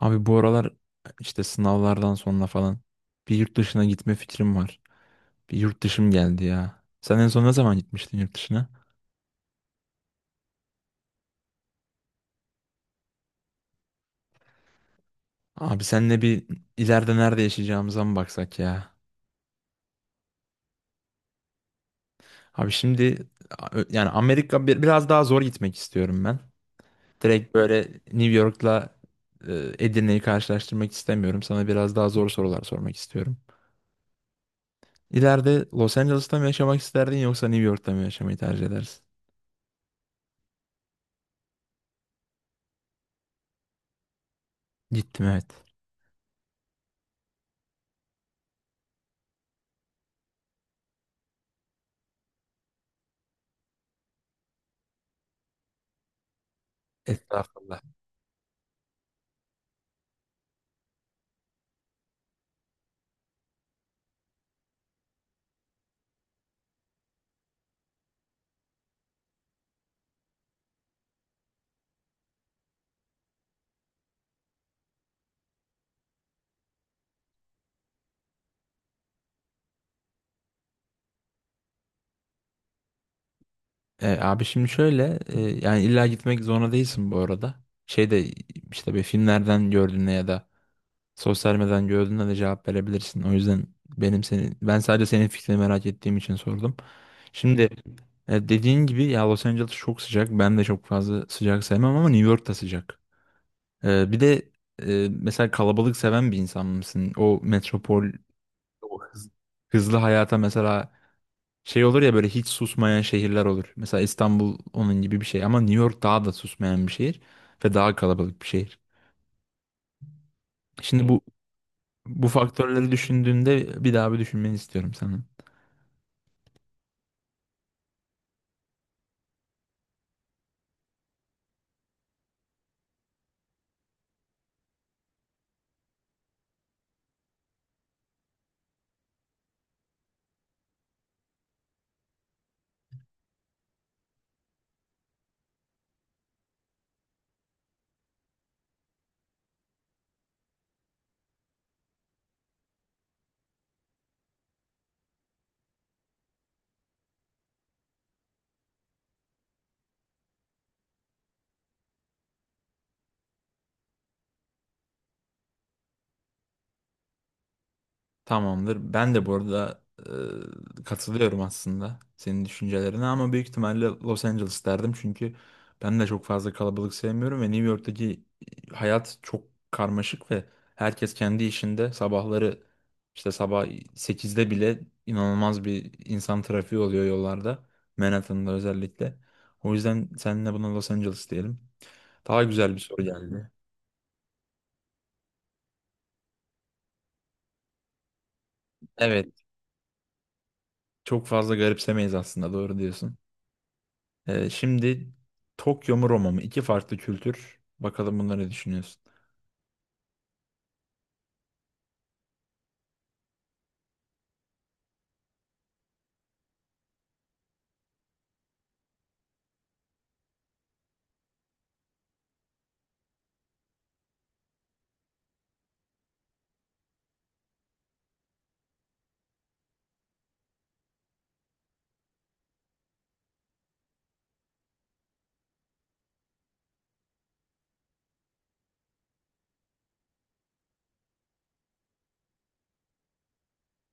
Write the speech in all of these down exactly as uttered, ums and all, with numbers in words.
Abi bu aralar işte sınavlardan sonra falan bir yurt dışına gitme fikrim var. Bir yurt dışım geldi ya. Sen en son ne zaman gitmiştin yurt dışına? Abi senle bir ileride nerede yaşayacağımıza mı baksak ya? Abi şimdi a- yani Amerika bir- biraz daha zor gitmek istiyorum ben. Direkt böyle New York'la e, Edirne'yi karşılaştırmak istemiyorum. Sana biraz daha zor sorular sormak istiyorum. İleride Los Angeles'ta mı yaşamak isterdin yoksa New York'ta mı yaşamayı tercih edersin? Gittim evet. Estağfurullah. E, abi şimdi şöyle e, yani illa gitmek zorunda değilsin bu arada. Şey de işte bir filmlerden gördüğünde ya da sosyal medyadan gördüğünde de cevap verebilirsin. O yüzden benim seni ben sadece senin fikrini merak ettiğim için sordum. Şimdi e, dediğin gibi ya Los Angeles çok sıcak. Ben de çok fazla sıcak sevmem ama New York da sıcak. E, bir de e, mesela kalabalık seven bir insan mısın? O metropol o hız- hızlı hayata mesela şey olur ya böyle hiç susmayan şehirler olur. Mesela İstanbul onun gibi bir şey ama New York daha da susmayan bir şehir ve daha kalabalık bir şehir. Şimdi bu bu faktörleri düşündüğünde bir daha bir düşünmeni istiyorum sana. Tamamdır. Ben de bu arada e, katılıyorum aslında senin düşüncelerine ama büyük ihtimalle Los Angeles derdim çünkü ben de çok fazla kalabalık sevmiyorum ve New York'taki hayat çok karmaşık ve herkes kendi işinde sabahları işte sabah sekizde bile inanılmaz bir insan trafiği oluyor yollarda Manhattan'da özellikle. O yüzden seninle buna Los Angeles diyelim. Daha güzel bir soru geldi. Evet, çok fazla garipsemeyiz aslında doğru diyorsun. Ee, şimdi Tokyo mu Roma mı? İki farklı kültür. Bakalım bunları ne düşünüyorsun?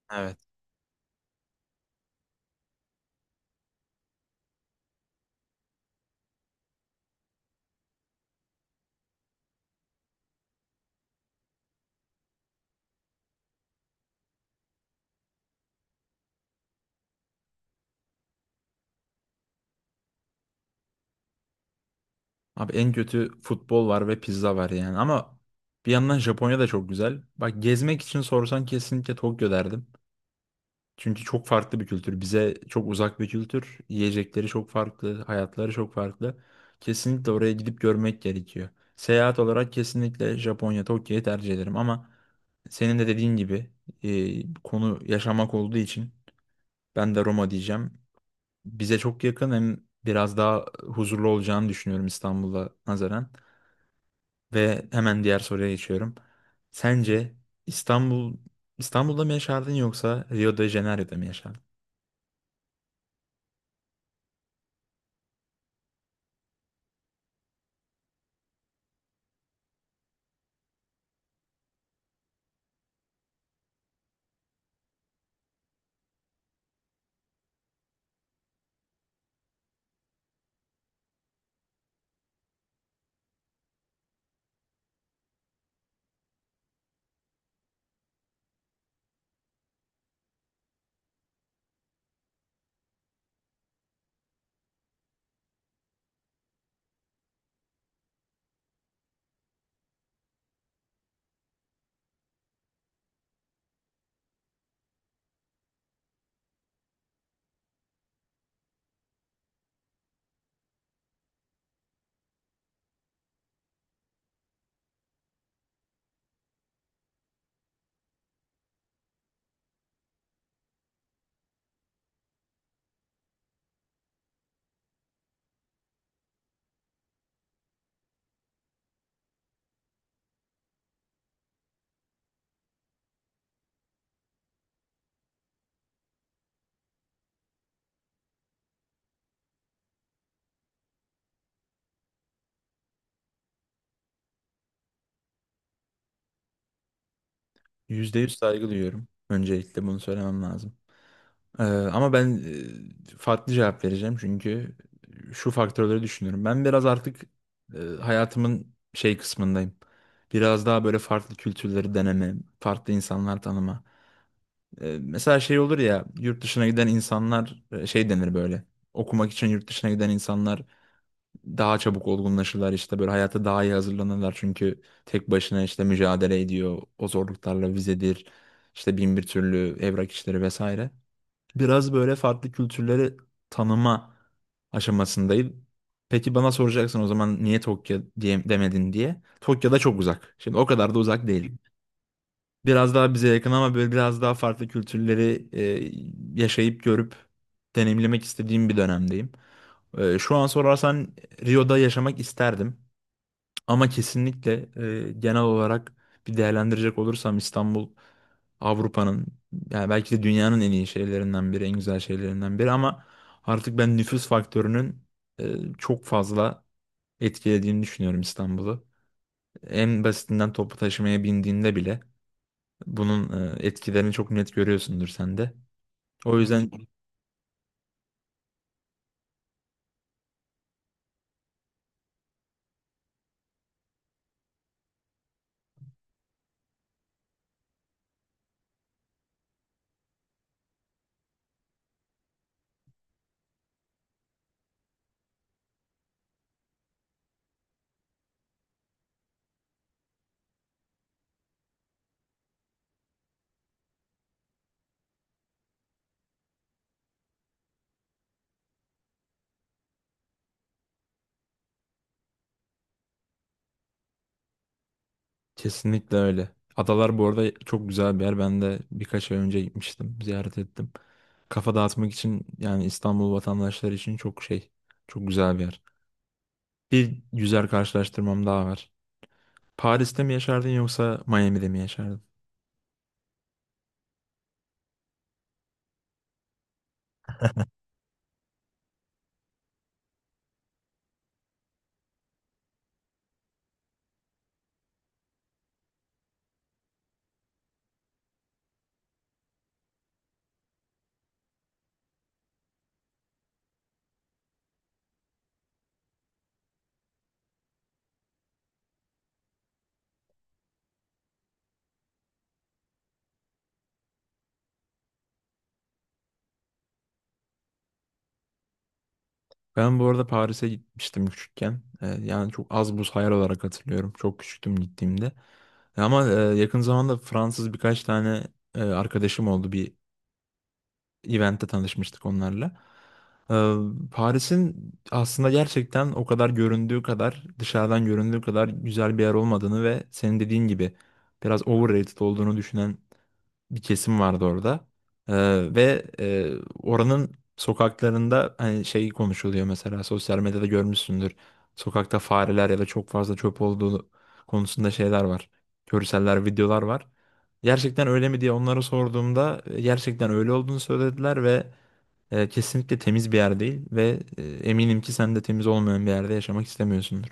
Evet. Abi en kötü futbol var ve pizza var yani. Ama bir yandan Japonya da çok güzel. Bak gezmek için sorsan kesinlikle Tokyo derdim. Çünkü çok farklı bir kültür. Bize çok uzak bir kültür. Yiyecekleri çok farklı. Hayatları çok farklı. Kesinlikle oraya gidip görmek gerekiyor. Seyahat olarak kesinlikle Japonya, Tokyo'yu tercih ederim. Ama senin de dediğin gibi e, konu yaşamak olduğu için ben de Roma diyeceğim. Bize çok yakın hem biraz daha huzurlu olacağını düşünüyorum İstanbul'a nazaran. Ve hemen diğer soruya geçiyorum. Sence İstanbul İstanbul'da mı yaşardın yoksa Rio de Janeiro'da mı yaşardın? Yüzde yüz saygı duyuyorum. Öncelikle bunu söylemem lazım. Ee, ama ben e, farklı cevap vereceğim çünkü şu faktörleri düşünüyorum. Ben biraz artık e, hayatımın şey kısmındayım. Biraz daha böyle farklı kültürleri deneme, farklı insanlar tanıma. E, mesela şey olur ya yurt dışına giden insanlar e, şey denir böyle. Okumak için yurt dışına giden insanlar daha çabuk olgunlaşırlar işte böyle hayata daha iyi hazırlanırlar çünkü tek başına işte mücadele ediyor o zorluklarla vizedir işte bin bir türlü evrak işleri vesaire. Biraz böyle farklı kültürleri tanıma aşamasındayım. Peki bana soracaksın o zaman niye Tokyo diye demedin diye. Tokyo'da çok uzak. Şimdi o kadar da uzak değil. Biraz daha bize yakın ama böyle biraz daha farklı kültürleri e, yaşayıp görüp deneyimlemek istediğim bir dönemdeyim. E, şu an sorarsan Rio'da yaşamak isterdim. Ama kesinlikle e, genel olarak bir değerlendirecek olursam İstanbul Avrupa'nın yani belki de dünyanın en iyi şehirlerinden biri, en güzel şehirlerinden biri ama artık ben nüfus faktörünün e, çok fazla etkilediğini düşünüyorum İstanbul'u. En basitinden toplu taşımaya bindiğinde bile bunun e, etkilerini çok net görüyorsundur sen de. O yüzden kesinlikle öyle. Adalar bu arada çok güzel bir yer. Ben de birkaç ay önce gitmiştim, ziyaret ettim. Kafa dağıtmak için yani İstanbul vatandaşları için çok şey, çok güzel bir yer. Bir güzel karşılaştırmam daha var. Paris'te mi yaşardın yoksa Miami'de mi yaşardın? Ben bu arada Paris'e gitmiştim küçükken. E, yani çok az buz hayal olarak hatırlıyorum. Çok küçüktüm gittiğimde. E, ama e, yakın zamanda Fransız birkaç tane e, arkadaşım oldu. Bir eventte tanışmıştık onlarla. Ee, Paris'in aslında gerçekten o kadar göründüğü kadar dışarıdan göründüğü kadar güzel bir yer olmadığını ve senin dediğin gibi biraz overrated olduğunu düşünen bir kesim vardı orada. Ee, ve e, oranın sokaklarında hani şey konuşuluyor mesela sosyal medyada görmüşsündür. Sokakta fareler ya da çok fazla çöp olduğu konusunda şeyler var. Görseller, videolar var. Gerçekten öyle mi diye onlara sorduğumda e, gerçekten öyle olduğunu söylediler ve e, kesinlikle temiz bir yer değil ve e, eminim ki sen de temiz olmayan bir yerde yaşamak istemiyorsundur.